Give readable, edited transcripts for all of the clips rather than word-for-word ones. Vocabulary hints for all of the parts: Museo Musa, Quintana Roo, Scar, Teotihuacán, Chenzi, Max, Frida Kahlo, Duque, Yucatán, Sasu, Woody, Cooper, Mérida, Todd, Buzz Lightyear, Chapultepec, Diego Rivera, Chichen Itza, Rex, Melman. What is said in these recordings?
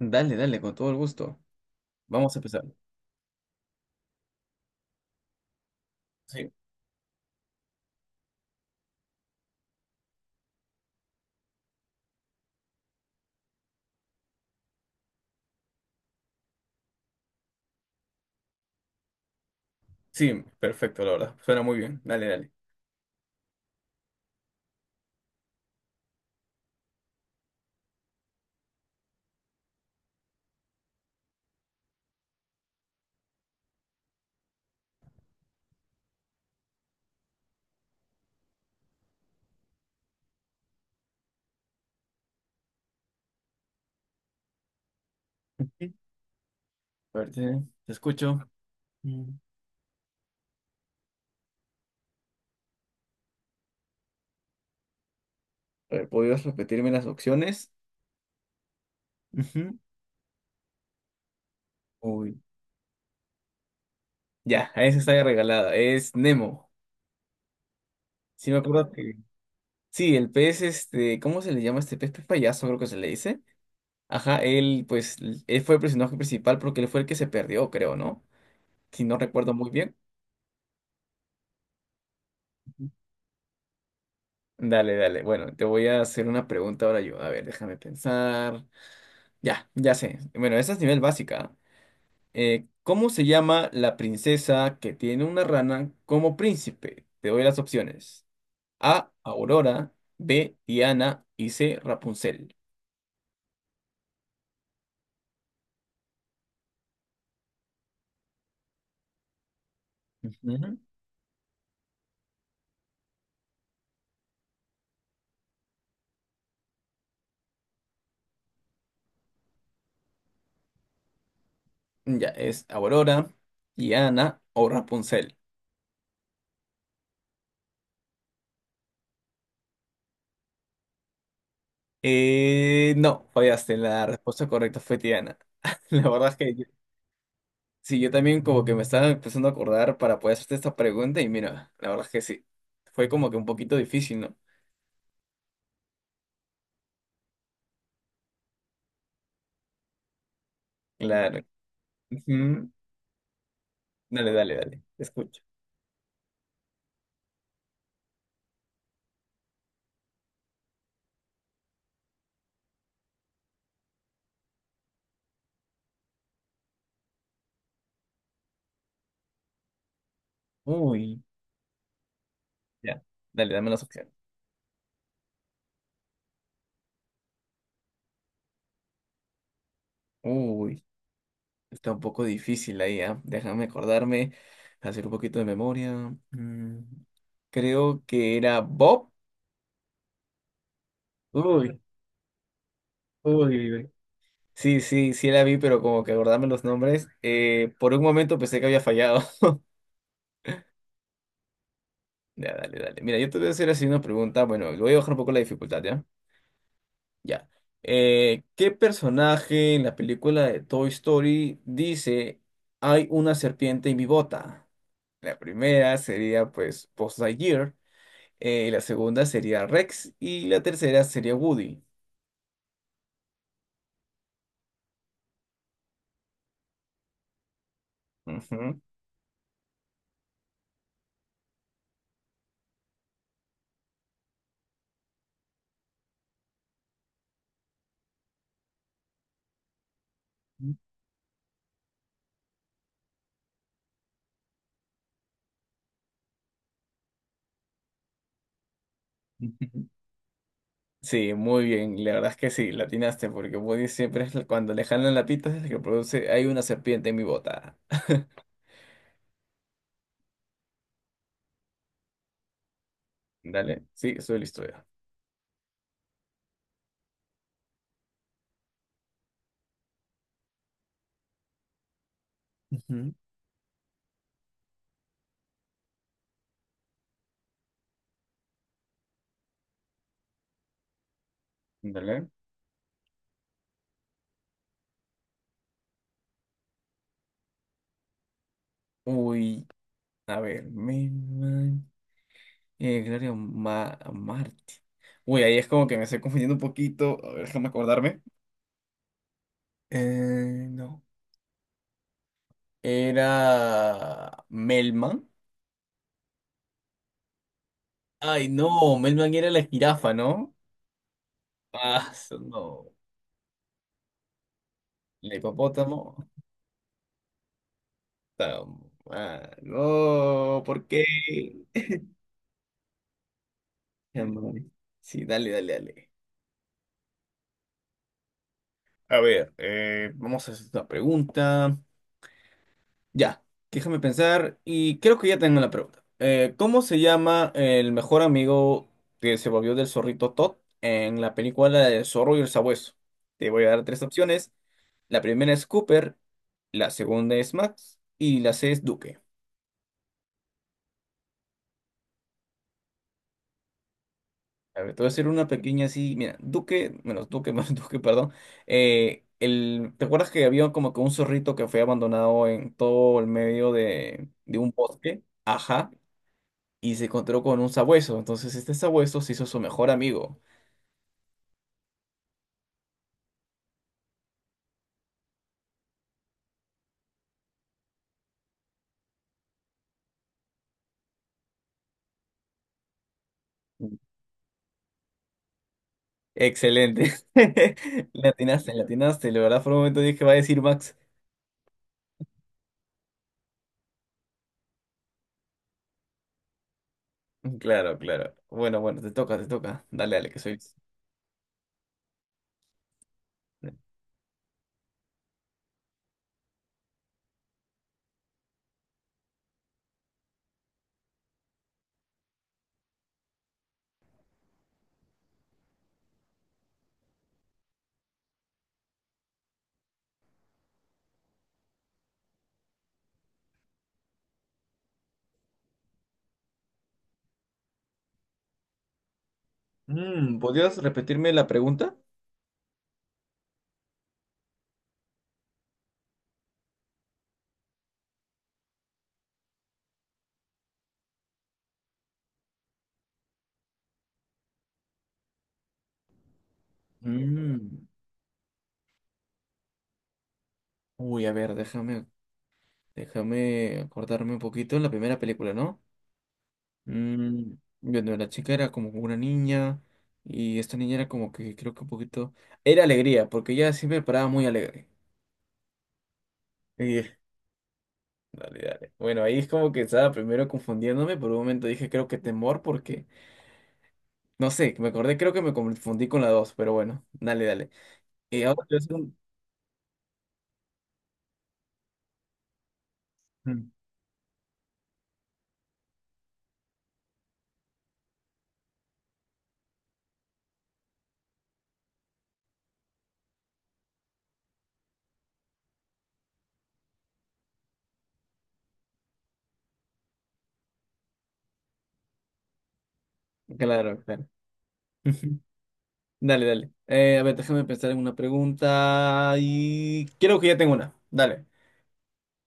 Dale, dale, con todo el gusto. Vamos a empezar. Sí, sí, perfecto, la verdad. Suena muy bien. Dale, dale. Sí. A ver, te escucho. Mm. A ver, ¿podrías repetirme las opciones? Ujú. Uy, ya, a esa está regalada. Es Nemo. Sí, me acuerdo que. Sí, el pez, este, ¿cómo se le llama este pez? Pez payaso, creo que se le dice. Ajá, él fue el personaje principal porque él fue el que se perdió, creo, ¿no? Si no recuerdo muy bien. Dale, dale. Bueno, te voy a hacer una pregunta ahora yo. A ver, déjame pensar. Ya, ya sé. Bueno, esa es nivel básica, ¿ah? ¿cómo se llama la princesa que tiene una rana como príncipe? Te doy las opciones. A, Aurora, B, Diana y C, Rapunzel. Ujú. Ya, es Aurora, Diana o Rapunzel. No, fallaste. La respuesta correcta fue Diana. La verdad es que yo- sí, yo también como que me estaba empezando a acordar para poder hacerte esta pregunta y mira, la verdad es que sí. Fue como que un poquito difícil, ¿no? Claro. Ujú. Dale, dale, dale. Te escucho. Uy, ya. Dale, dame las opciones. Uy, está un poco difícil ahí, ¿ah? Déjame acordarme, hacer un poquito de memoria. Mm, creo que era Bob. Uy, uy, uy. Sí, sí, sí la vi, pero como que acordarme los nombres. Por un momento pensé que había fallado. Ya, dale, dale. Mira, yo te voy a hacer así una pregunta. Bueno, le voy a bajar un poco la dificultad, ¿ya? Ya. ¿qué personaje en la película de Toy Story dice hay una serpiente en mi bota? La primera sería pues Buzz Lightyear, la segunda sería Rex y la tercera sería Woody. Ujú. Ujú. Sí, muy bien, la verdad es que sí, la atinaste porque Woody siempre es la- cuando le jalan la pita es el que produce hay una serpiente en mi bota. Dale, sí, soy listo ya. Ujú. Dale. Uy, a ver, me Gloria Ma- Marti. Uy, ahí es como que me estoy confundiendo un poquito. A ver, déjame acordarme. No. Era Melman. Ay, no, Melman era la jirafa, ¿no? Ah, eso no. El hipopótamo. Está mal. No, ¿por qué? Ya, madre. Sí, dale, dale, dale. A ver, vamos a hacer esta pregunta. Ya, déjame pensar y creo que ya tengo la pregunta. ¿cómo se llama el mejor amigo que se volvió del zorrito Todd en la película de Zorro y el Sabueso? Te voy a dar tres opciones. La primera es Cooper, la segunda es Max y la C es Duque. A ver, te voy a hacer una pequeña así. Mira, Duque, menos Duque, menos Duque, perdón. ¿Te acuerdas que había como que un zorrito que fue abandonado en todo el medio de un bosque? Ajá, y se encontró con un sabueso. Entonces este sabueso se hizo su mejor amigo. Mm. Excelente. Le atinaste, le atinaste. La verdad, por un momento dije, va a decir Max. Claro, claro. Bueno, bueno, te toca, te toca. Dale, dale, que soy. Mm, ¿podrías repetirme la pregunta? Mm. Uy, a ver, déjame acordarme un poquito en la primera película, ¿no? Mm, bueno, la chica era como una niña y esta niña era como que creo que un poquito… Era alegría, porque ella siempre paraba muy alegre. Dale, dale. Bueno, ahí es como que estaba primero confundiéndome. Por un momento dije, creo que temor, porque no sé, me acordé, creo que me confundí con la dos, pero bueno, dale, dale. Y ahora te voy un- Mm, claro, claro. Dale, dale. A ver, déjame pensar en una pregunta. Y creo que ya tengo una. Dale.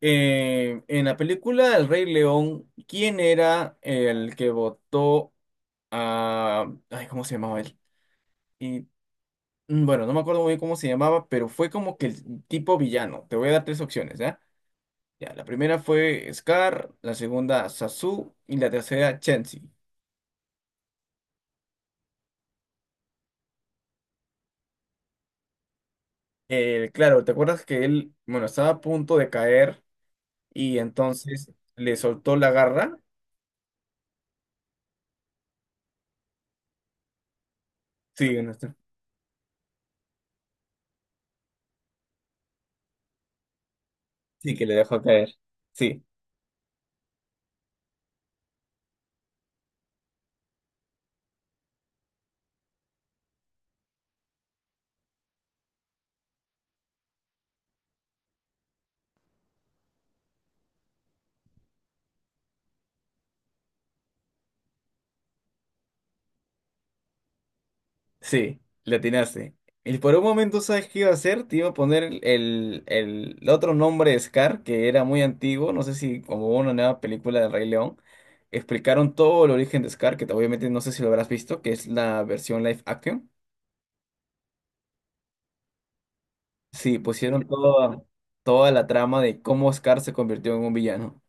En la película El Rey León, ¿quién era el que votó a. Ay, ¿cómo se llamaba él? Mm, bueno, no me acuerdo muy bien cómo se llamaba, pero fue como que el tipo villano. Te voy a dar tres opciones, ¿ya? Ya, la primera fue Scar, la segunda Sasu y la tercera Chenzi. Claro, ¿te acuerdas que él, bueno, estaba a punto de caer y entonces le soltó la garra? Sí, en este- Sí, que le dejó caer. Sí. Sí, le atinaste. Y por un momento, ¿sabes qué iba a hacer? Te iba a poner el otro nombre de Scar, que era muy antiguo, no sé si como hubo una nueva película de Rey León, explicaron todo el origen de Scar, que obviamente no sé si lo habrás visto, que es la versión live action. Sí, pusieron toda, toda la trama de cómo Scar se convirtió en un villano.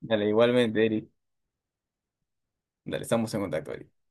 Dale, igualmente, Eric. Dale, estamos en contacto, Eric.